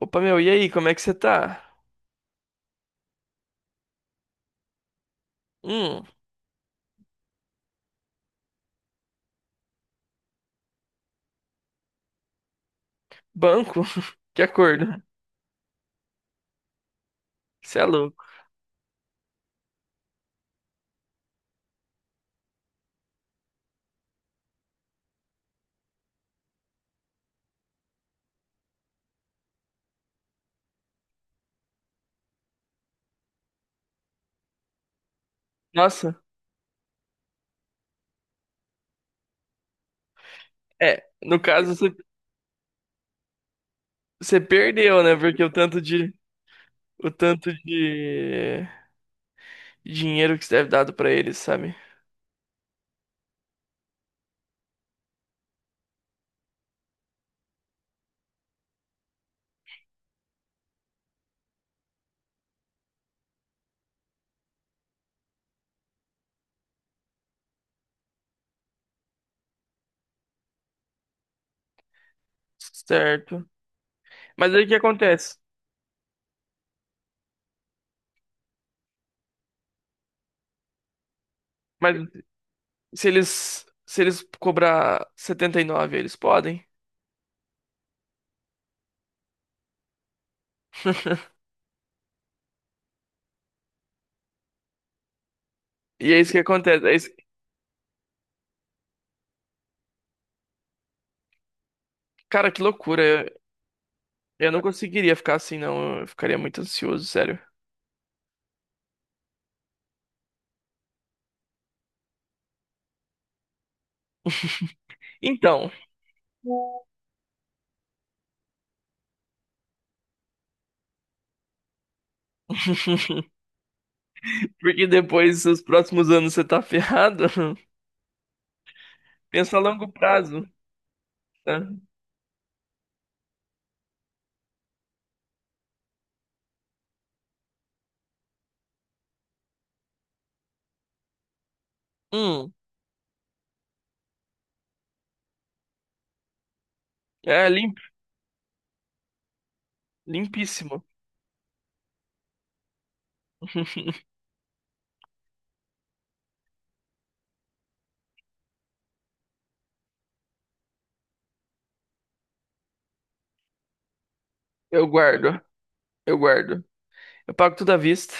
Opa, meu, e aí, como é que você tá? Hum, banco? Que acordo? Você é louco. Nossa, é, no caso você perdeu, né? Porque o tanto de dinheiro que você deve dado pra eles, sabe? Certo. Mas aí o que acontece? Mas se eles cobrar 79, eles podem? E é isso que acontece. Cara, que loucura. Eu não conseguiria ficar assim, não. Eu ficaria muito ansioso, sério. Então, porque depois, nos próximos anos, você tá ferrado. Pensa a longo prazo, tá? Hum, é limpo, limpíssimo. Eu guardo, eu guardo. Eu pago tudo à vista.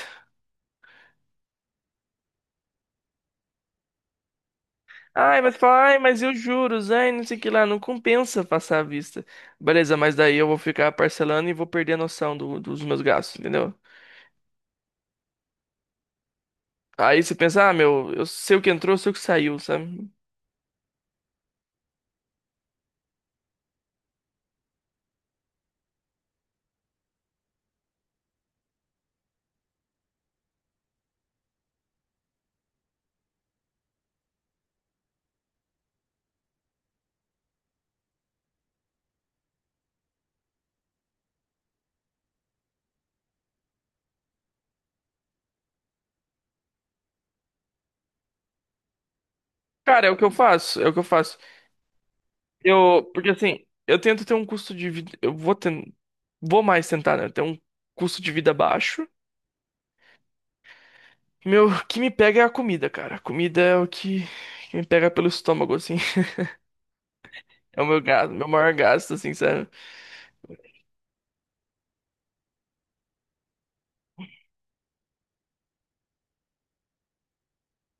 Ai, mas fala, ai, mas e os juros? Ai, não sei o que lá, não compensa passar à vista. Beleza, mas daí eu vou ficar parcelando e vou perder a noção dos meus gastos, entendeu? Aí você pensa, ah, meu, eu sei o que entrou, eu sei o que saiu, sabe? Cara, é o que eu faço, é o que eu faço. Porque assim, eu tento ter um custo de vida, vou mais tentar, né, ter um custo de vida baixo. Meu, o que me pega é a comida, cara. A comida é que me pega pelo estômago, assim. É o meu gasto, meu maior gasto, assim, sabe?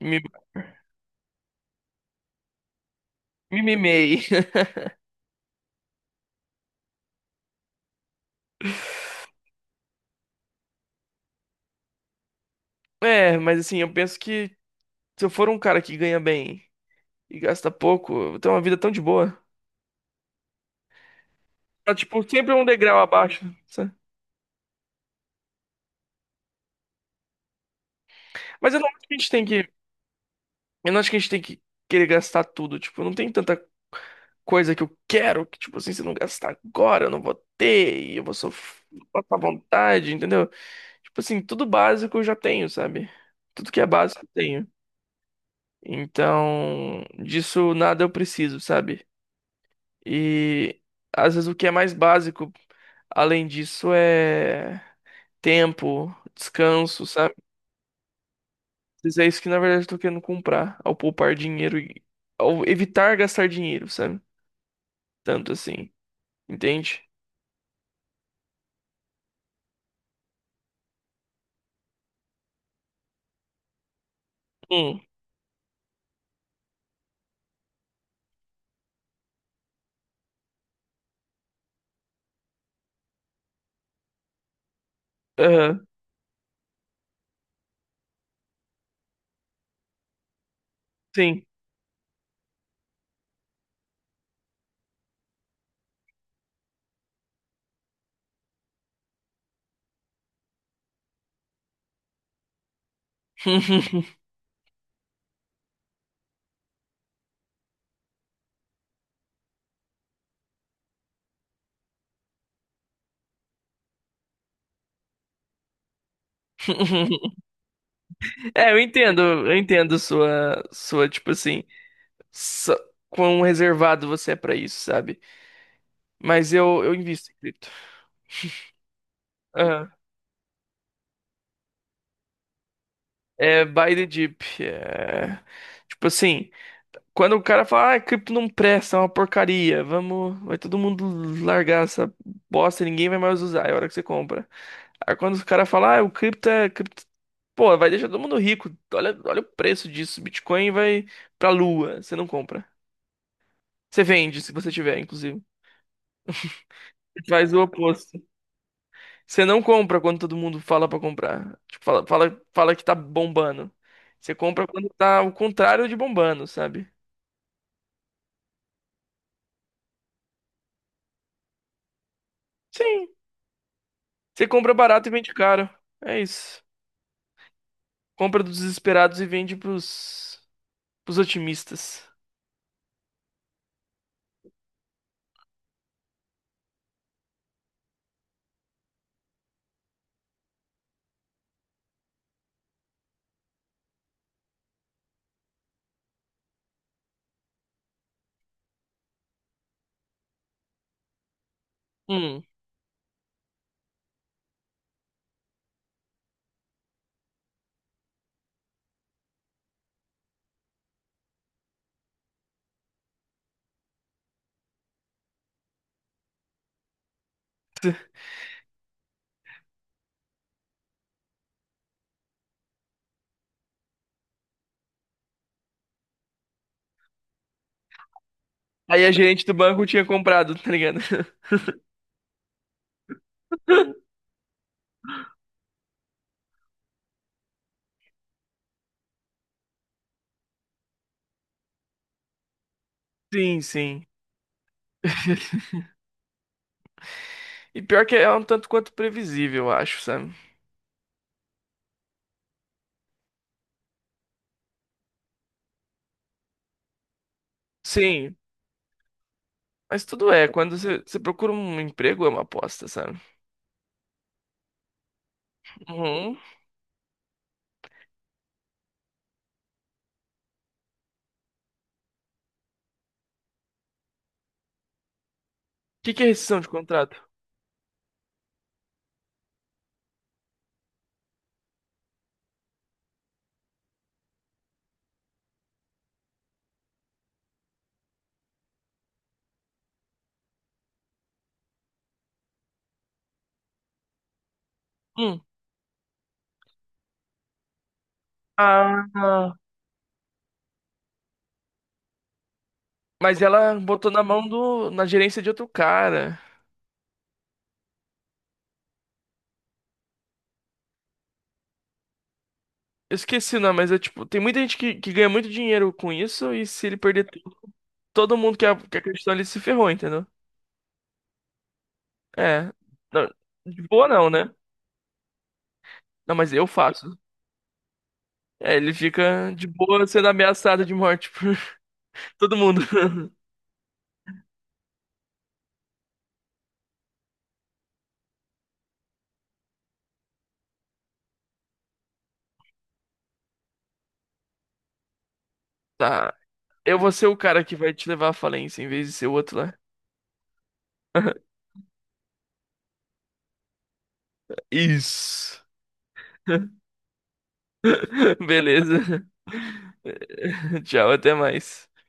Me, me mimei. É, mas assim, eu penso que se eu for um cara que ganha bem e gasta pouco, eu vou ter uma vida tão de boa. Tá, tipo, sempre um degrau abaixo, sabe? Mas eu não acho que a gente tem que Eu não acho que a gente tem que querer gastar tudo. Tipo, não tem tanta coisa que eu quero que, tipo assim, se eu não gastar agora, eu não vou ter e eu vou sofrer, vou passar vontade, entendeu? Tipo assim, tudo básico eu já tenho, sabe? Tudo que é básico eu tenho. Então, disso nada eu preciso, sabe? E às vezes o que é mais básico, além disso, é tempo, descanso, sabe? Mas é isso que na verdade eu tô querendo comprar, ao poupar dinheiro e ao evitar gastar dinheiro, sabe? Tanto assim, entende? Hum, aham, sim. É, eu entendo tipo assim, só, quão reservado você é pra isso, sabe? Mas eu invisto em cripto. Aham. É buy the dip. É... Tipo assim, quando o cara fala, ah, cripto não presta, é uma porcaria, vamos, vai todo mundo largar essa bosta, ninguém vai mais usar, é a hora que você compra. Aí quando o cara fala, ah, o cripto é, cripto Pô, vai deixar todo mundo rico. Olha, olha o preço disso. Bitcoin vai pra lua. Você não compra. Você vende, se você tiver, inclusive. Você Faz o oposto. Você não compra quando todo mundo fala pra comprar. Tipo, fala que tá bombando. Você compra quando tá o contrário de bombando, sabe? Sim. Você compra barato e vende caro. É isso. Compra dos desesperados e vende pros otimistas. Hum. Aí a gerente do banco tinha comprado, tá ligado? Sim, sim. E pior que é um tanto quanto previsível, eu acho, sabe? Sim, mas tudo é. Quando você procura um emprego, é uma aposta, sabe? Uhum. O que que é rescisão de contrato? Hum. Ah, mas ela botou na mão do, na gerência de outro cara. Eu esqueci o nome, mas é tipo, tem muita gente que ganha muito dinheiro com isso e se ele perder tudo, todo mundo que acreditou ele se ferrou, entendeu? É. Não, de boa não, né? Não, mas eu faço. É, ele fica de boa sendo ameaçado de morte por todo mundo. Tá. Eu vou ser o cara que vai te levar à falência em vez de ser o outro lá. Isso. Beleza. Tchau, até mais.